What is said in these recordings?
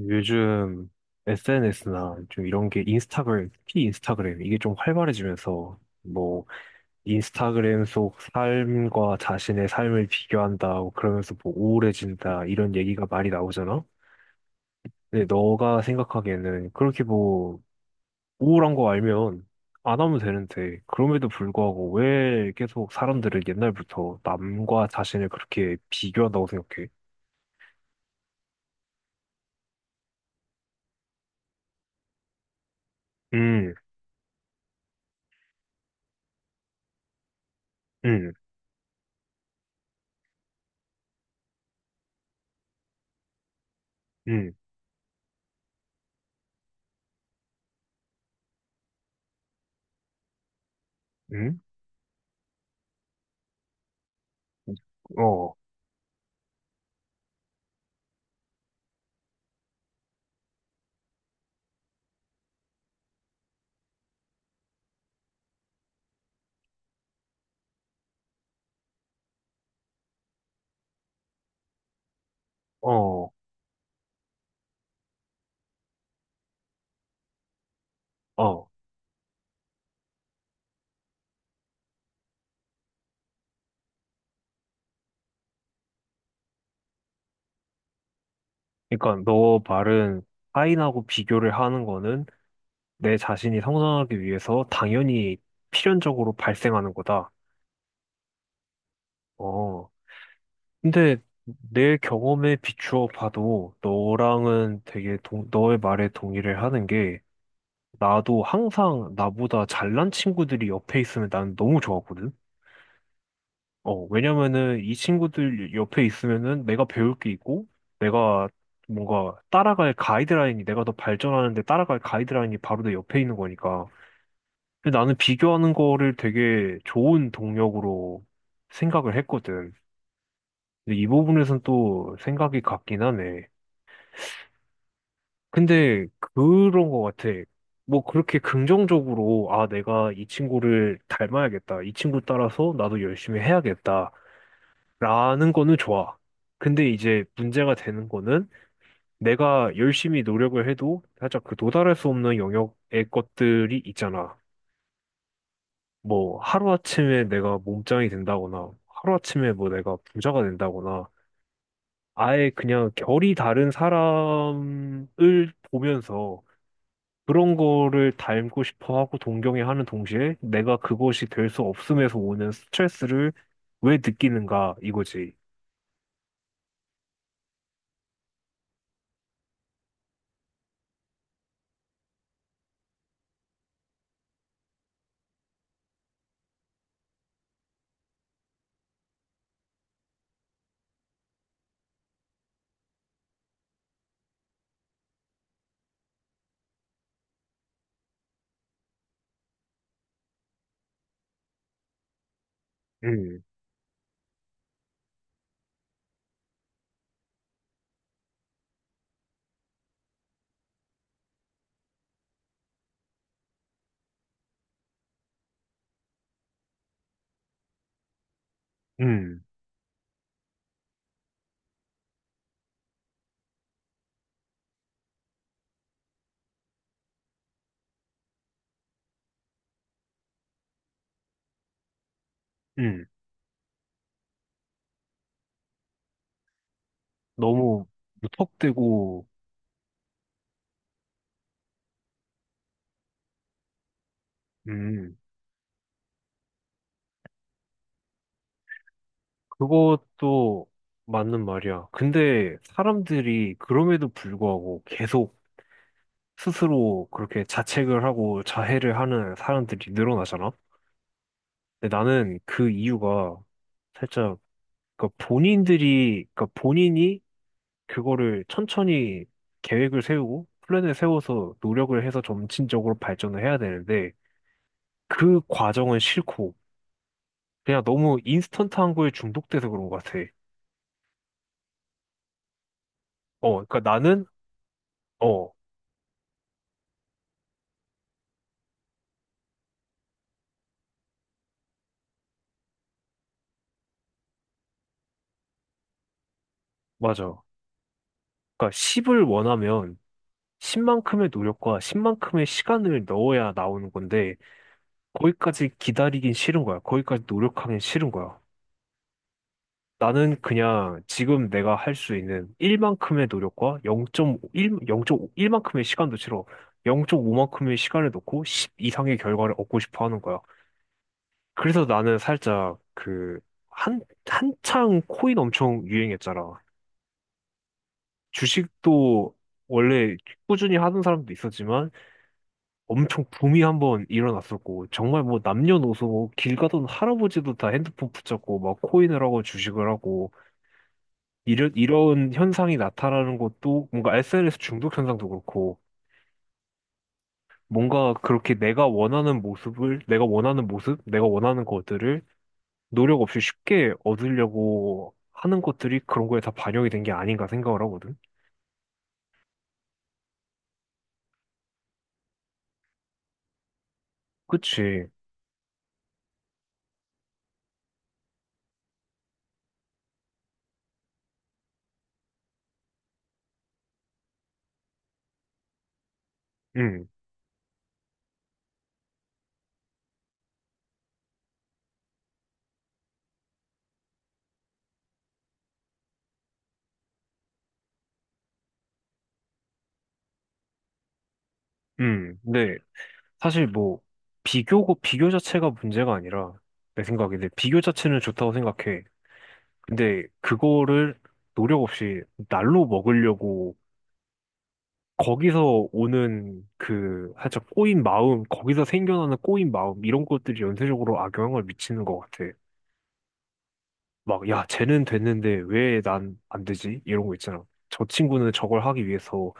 요즘 SNS나 좀 이런 게 인스타그램, 특히 인스타그램, 이게 좀 활발해지면서 뭐 인스타그램 속 삶과 자신의 삶을 비교한다, 뭐 그러면서 뭐 우울해진다, 이런 얘기가 많이 나오잖아? 근데 너가 생각하기에는 그렇게 뭐 우울한 거 알면 안 하면 되는데, 그럼에도 불구하고 왜 계속 사람들은 옛날부터 남과 자신을 그렇게 비교한다고 생각해? 음, 음, 음, 음, 어, 어, 어. 그러니까 너 말은 타인하고 비교를 하는 거는 내 자신이 성장하기 위해서 당연히 필연적으로 발생하는 거다. 어. 근데 내 경험에 비추어 봐도 너랑은 되게 너의 말에 동의를 하는 게 나도 항상 나보다 잘난 친구들이 옆에 있으면 나는 너무 좋았거든. 어, 왜냐면은 이 친구들 옆에 있으면은 내가 배울 게 있고, 내가 뭔가 따라갈 가이드라인이, 내가 더 발전하는데 따라갈 가이드라인이 바로 내 옆에 있는 거니까. 근데 나는 비교하는 거를 되게 좋은 동력으로 생각을 했거든. 근데 이 부분에선 또 생각이 같긴 하네. 근데 그런 거 같아. 뭐 그렇게 긍정적으로, 아, 내가 이 친구를 닮아야겠다. 이 친구 따라서 나도 열심히 해야겠다. 라는 거는 좋아. 근데 이제 문제가 되는 거는 내가 열심히 노력을 해도 살짝 그 도달할 수 없는 영역의 것들이 있잖아. 뭐 하루아침에 내가 몸짱이 된다거나 하루아침에 뭐 내가 부자가 된다거나 아예 그냥 결이 다른 사람을 보면서 그런 거를 닮고 싶어 하고 동경해 하는 동시에 내가 그것이 될 수 없음에서 오는 스트레스를 왜 느끼는가 이거지. 음, 음, 음. 너무 무턱대고, 음, 그것도 맞는 말이야. 근데 사람들이 그럼에도 불구하고 계속 스스로 그렇게 자책을 하고 자해를 하는 사람들이 늘어나잖아? 근데 나는 그 이유가 살짝, 그러니까 본인들이, 그러니까 본인이 그거를 천천히 계획을 세우고 플랜을 세워서 노력을 해서 점진적으로 발전을 해야 되는데 그 과정은 싫고 그냥 너무 인스턴트한 거에 중독돼서 그런 것 같아. 어, 그러니까 나는 어, 맞아. 그러니까 10을 원하면 10만큼의 노력과 10만큼의 시간을 넣어야 나오는 건데 거기까지 기다리긴 싫은 거야. 거기까지 노력하긴 싫은 거야. 나는 그냥 지금 내가 할 수 있는 1만큼의 노력과 0 영점 일만큼의 시간도 싫어. 0.5만큼의 시간을 넣고 10 이상의 결과를 얻고 싶어 하는 거야. 그래서 나는 살짝 그 한창 코인 엄청 유행했잖아. 주식도 원래 꾸준히 하는 사람도 있었지만 엄청 붐이 한번 일어났었고 정말 뭐 남녀노소 뭐 길 가던 할아버지도 다 핸드폰 붙잡고 막 코인을 하고 주식을 하고 이런 현상이 나타나는 것도 뭔가 SNS 중독 현상도 그렇고 뭔가 그렇게 내가 원하는 모습을 내가 원하는 모습 내가 원하는 것들을 노력 없이 쉽게 얻으려고 하는 것들이 그런 거에 다 반영이 된 게 아닌가 생각을 하거든. 그치? 응, 응, 네. 사실 뭐 비교고 비교 자체가 문제가 아니라 내 생각인데 비교 자체는 좋다고 생각해. 근데 그거를 노력 없이 날로 먹으려고 거기서 오는 그 살짝 꼬인 마음, 거기서 생겨나는 꼬인 마음 이런 것들이 연쇄적으로 악영향을 미치는 것 같아. 막 야, 쟤는 됐는데 왜 난 안 되지? 이런 거 있잖아. 저 친구는 저걸 하기 위해서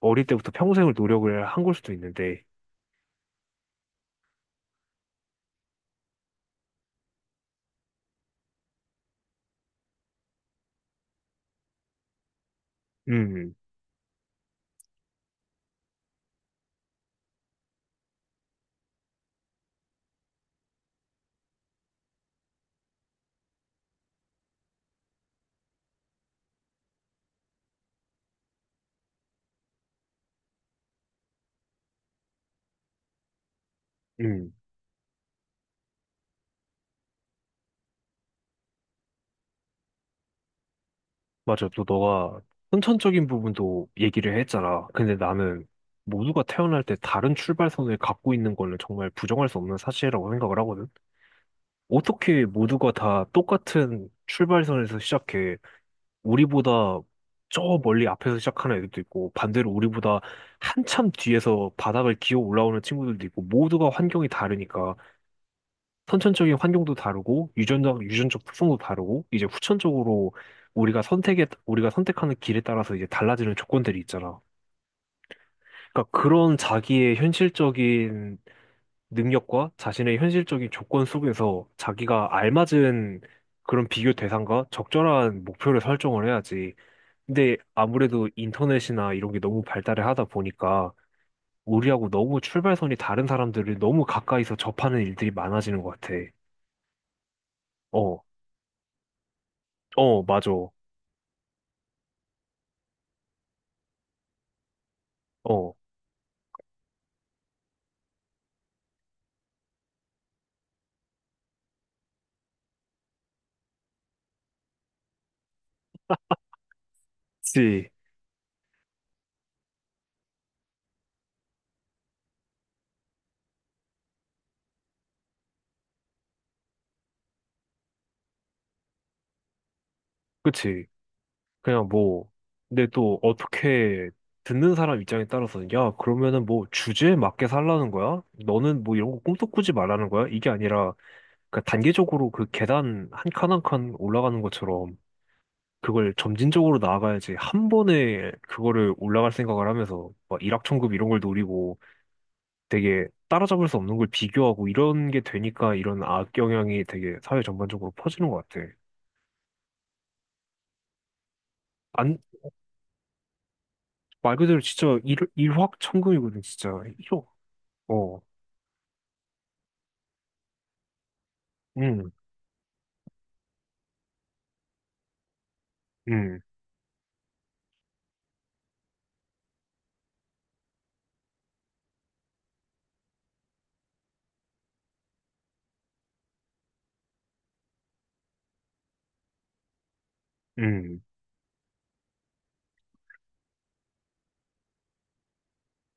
어릴 때부터 평생을 노력을 한 걸 수도 있는데, 음, 음. 맞아. 또 너가 선천적인 부분도 얘기를 했잖아. 근데 나는 모두가 태어날 때 다른 출발선을 갖고 있는 거는 정말 부정할 수 없는 사실이라고 생각을 하거든. 어떻게 모두가 다 똑같은 출발선에서 시작해 우리보다 저 멀리 앞에서 시작하는 애들도 있고 반대로 우리보다 한참 뒤에서 바닥을 기어 올라오는 친구들도 있고 모두가 환경이 다르니까 선천적인 환경도 다르고 유전적 특성도 다르고 이제 후천적으로 우리가 선택하는 길에 따라서 이제 달라지는 조건들이 있잖아. 그러니까 그런 자기의 현실적인 능력과 자신의 현실적인 조건 속에서 자기가 알맞은 그런 비교 대상과 적절한 목표를 설정을 해야지. 근데 아무래도 인터넷이나 이런 게 너무 발달을 하다 보니까 우리하고 너무 출발선이 다른 사람들을 너무 가까이서 접하는 일들이 많아지는 것 같아. 어, 어, 맞아. 어. 그치, 그치. 그냥 뭐, 근데 또 어떻게 듣는 사람 입장에 따라서, 야, 그러면은 뭐 주제에 맞게 살라는 거야? 너는 뭐 이런 거 꿈도 꾸지 말라는 거야? 이게 아니라, 그러니까 단계적으로 그 계단 한 칸 한 칸 올라가는 것처럼, 그걸 점진적으로 나아가야지 한 번에 그거를 올라갈 생각을 하면서, 막 일확천금 이런 걸 노리고 되게 따라잡을 수 없는 걸 비교하고 이런 게 되니까 이런 악영향이 되게 사회 전반적으로 퍼지는 것 같아. 안... 말 그대로 진짜 일확천금이거든, 진짜. 1억. 어. 음, 음, 음.